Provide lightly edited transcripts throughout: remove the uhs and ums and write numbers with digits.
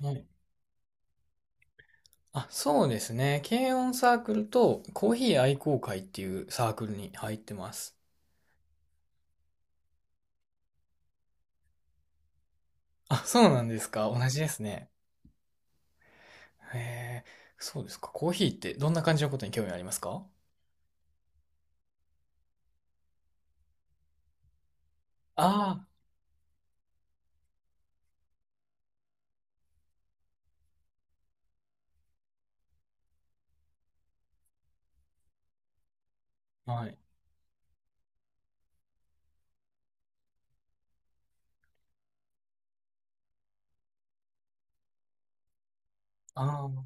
はい。あ、そうですね。軽音サークルとコーヒー愛好会っていうサークルに入ってます。あ、そうなんですか。同じですね。へえ、そうですか。コーヒーってどんな感じのことに興味ありますか？ああはい。あー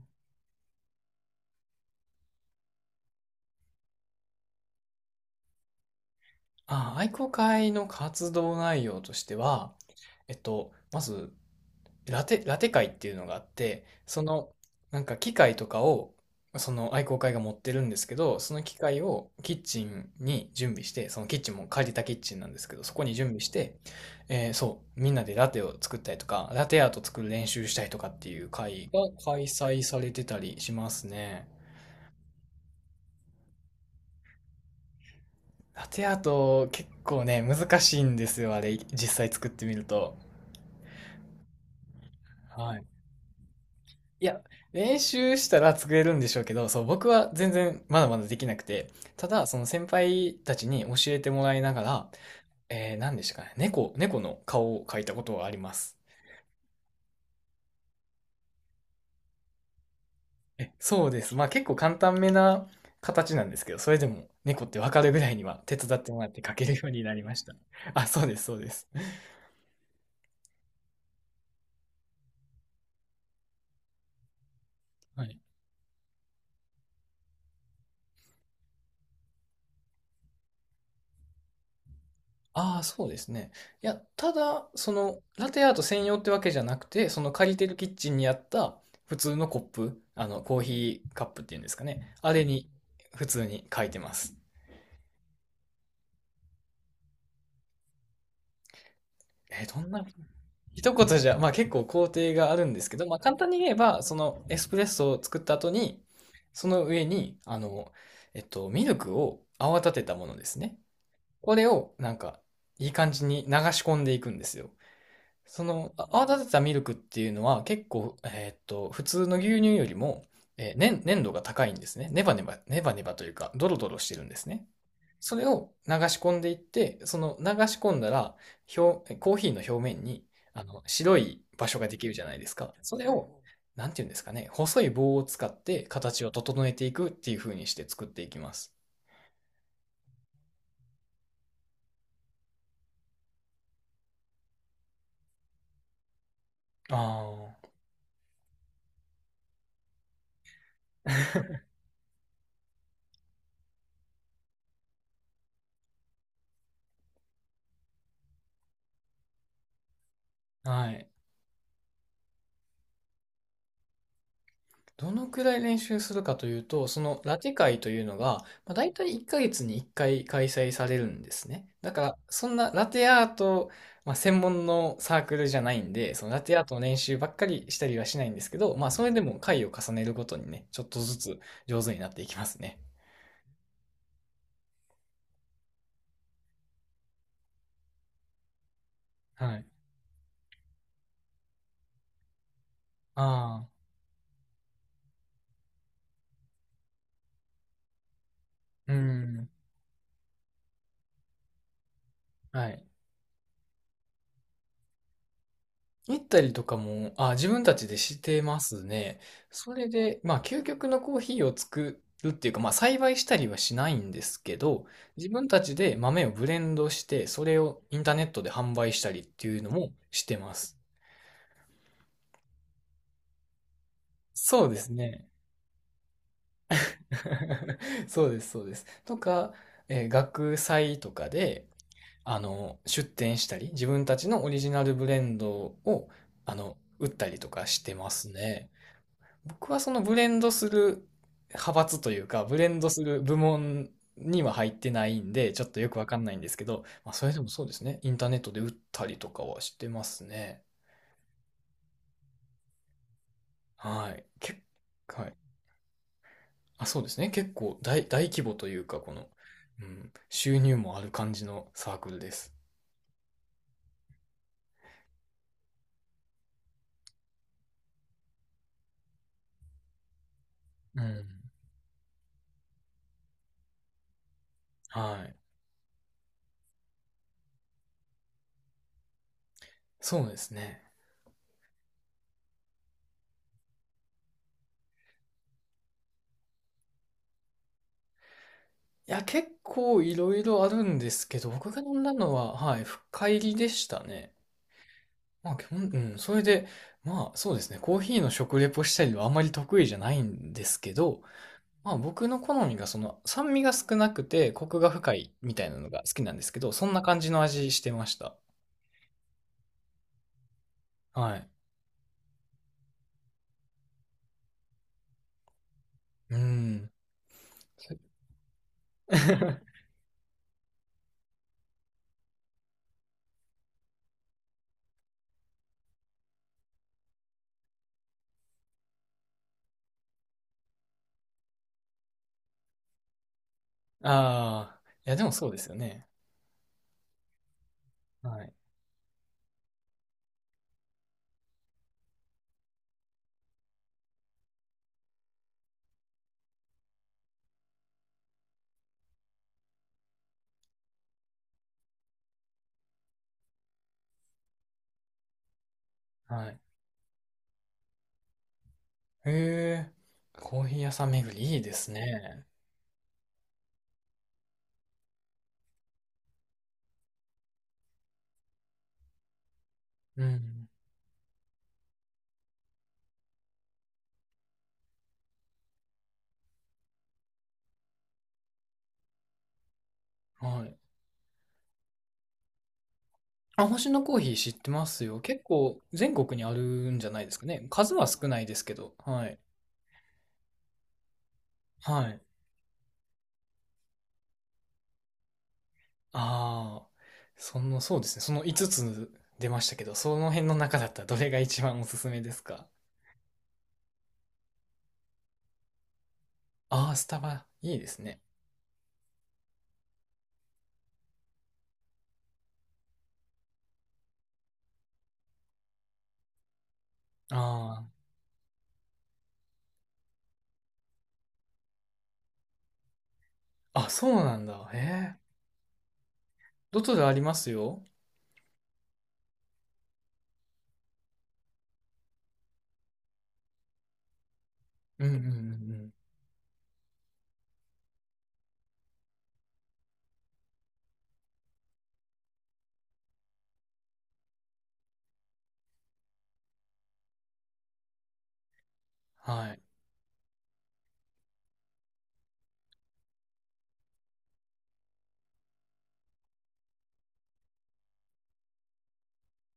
あー、愛好会の活動内容としては、まずラテ会っていうのがあって、その、なんか機械とかを、その愛好会が持ってるんですけど、その機械をキッチンに準備して、そのキッチンも借りたキッチンなんですけど、そこに準備して、そう、みんなでラテを作ったりとか、ラテアート作る練習したりとかっていう会が開催されてたりしますね。ラテアート結構ね、難しいんですよ、あれ、実際作ってみると。はい。いや、練習したら作れるんでしょうけど、そう、僕は全然まだまだできなくて、ただ、その先輩たちに教えてもらいながら、何でしたかね、猫の顔を描いたことがあります。え、そうです。まあ結構簡単めな形なんですけど、それでも猫ってわかるぐらいには手伝ってもらって描けるようになりました。あ、そうです、そうです。はいああ、そうですね。いや、ただ、ラテアート専用ってわけじゃなくて、その借りてるキッチンにあった普通のコップ、コーヒーカップっていうんですかね。あれに、普通に書いてます。どんな、一言じゃ、まあ結構工程があるんですけど、まあ簡単に言えば、そのエスプレッソを作った後に、その上に、ミルクを泡立てたものですね。これを、なんか、いい感じに流し込んでいくんですよ。泡立てたミルクっていうのは結構、普通の牛乳よりも、粘粘度が高いんですね。ネバネバ、ネバネバというか、ドロドロしてるんですね。それを流し込んでいって、その流し込んだら、コーヒーの表面に、白い場所ができるじゃないですか。それを、なんていうんですかね、細い棒を使って形を整えていくっていう風にして作っていきます。ああ、はい。どのくらい練習するかというと、そのラテ会というのが、まあ、大体1ヶ月に1回開催されるんですね。だから、そんなラテアート、まあ、専門のサークルじゃないんで、そのラテアートの練習ばっかりしたりはしないんですけど、まあ、それでも回を重ねるごとにね、ちょっとずつ上手になっていきますね。はい。ああ、うん。はい。行ったりとかも、あ、自分たちでしてますね。それで、まあ、究極のコーヒーを作るっていうか、まあ、栽培したりはしないんですけど、自分たちで豆をブレンドして、それをインターネットで販売したりっていうのもしてます。そうですね。そうです、そうです。とか、学祭とかで、出店したり、自分たちのオリジナルブレンドを、売ったりとかしてますね。僕はそのブレンドする派閥というか、ブレンドする部門には入ってないんで、ちょっとよくわかんないんですけど、まあ、それでもそうですね。インターネットで売ったりとかはしてますね。はい。はい。あ、そうですね。結構大規模というか、この、うん、収入もある感じのサークルです。うん。はい。そうですね。いや、結構いろいろあるんですけど、僕が飲んだのは、はい、深入りでしたね。まあ、基本、うん、それで、まあ、そうですね、コーヒーの食レポしたりはあまり得意じゃないんですけど、まあ、僕の好みが、その、酸味が少なくて、コクが深いみたいなのが好きなんですけど、そんな感じの味してました。はい。うん。ああ、いや、でもそうですよね。はい。はい。へえ、コーヒー屋さん巡りいいですね。うん。はい。あ、星野コーヒー知ってますよ。結構全国にあるんじゃないですかね。数は少ないですけど。はい。はい。ああ、そうですね。その5つつ出ましたけど、その辺の中だったらどれが一番おすすめですか？ああー、スタバ、いいですね。ああ、あ、そうなんだ。へえ。どとでありますよ。うんうんうんうん。はい。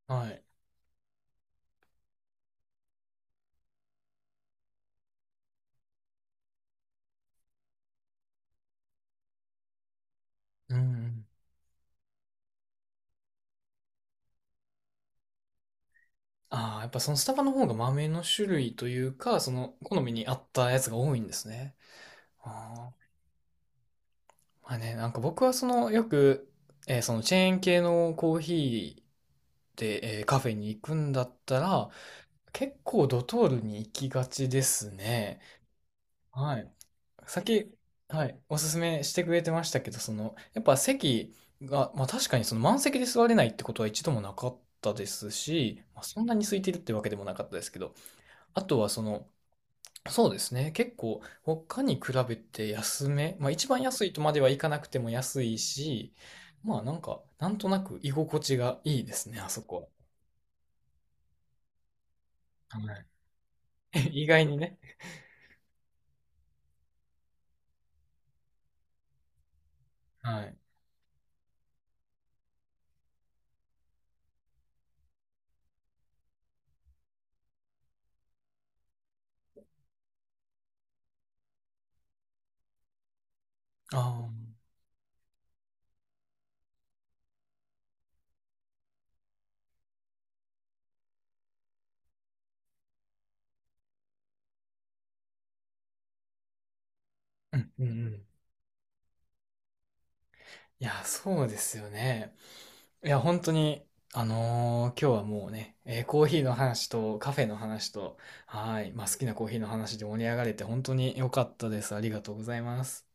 はい。うんうん。ああ、やっぱそのスタバの方が豆の種類というか、その好みに合ったやつが多いんですね。ああ。まあね、なんか僕はその、よく、そのチェーン系のコーヒーで、カフェに行くんだったら、結構ドトールに行きがちですね。はい。さっき、はい、おすすめしてくれてましたけど、その、やっぱ席が、まあ確かにその満席で座れないってことは一度もなかったですし、まあ、そんなに空いてるってわけでもなかったですけど、あとはその、そうですね、結構他に比べて安め、まあ一番安いとまではいかなくても安いし、まあなんか、なんとなく居心地がいいですね、あそこは。はい。意外にね。はい。ああ。うんうんうん。いや、そうですよね。いや、本当に、今日はもうね、コーヒーの話とカフェの話と、はい、まあ、好きなコーヒーの話で盛り上がれて本当に良かったです。ありがとうございます。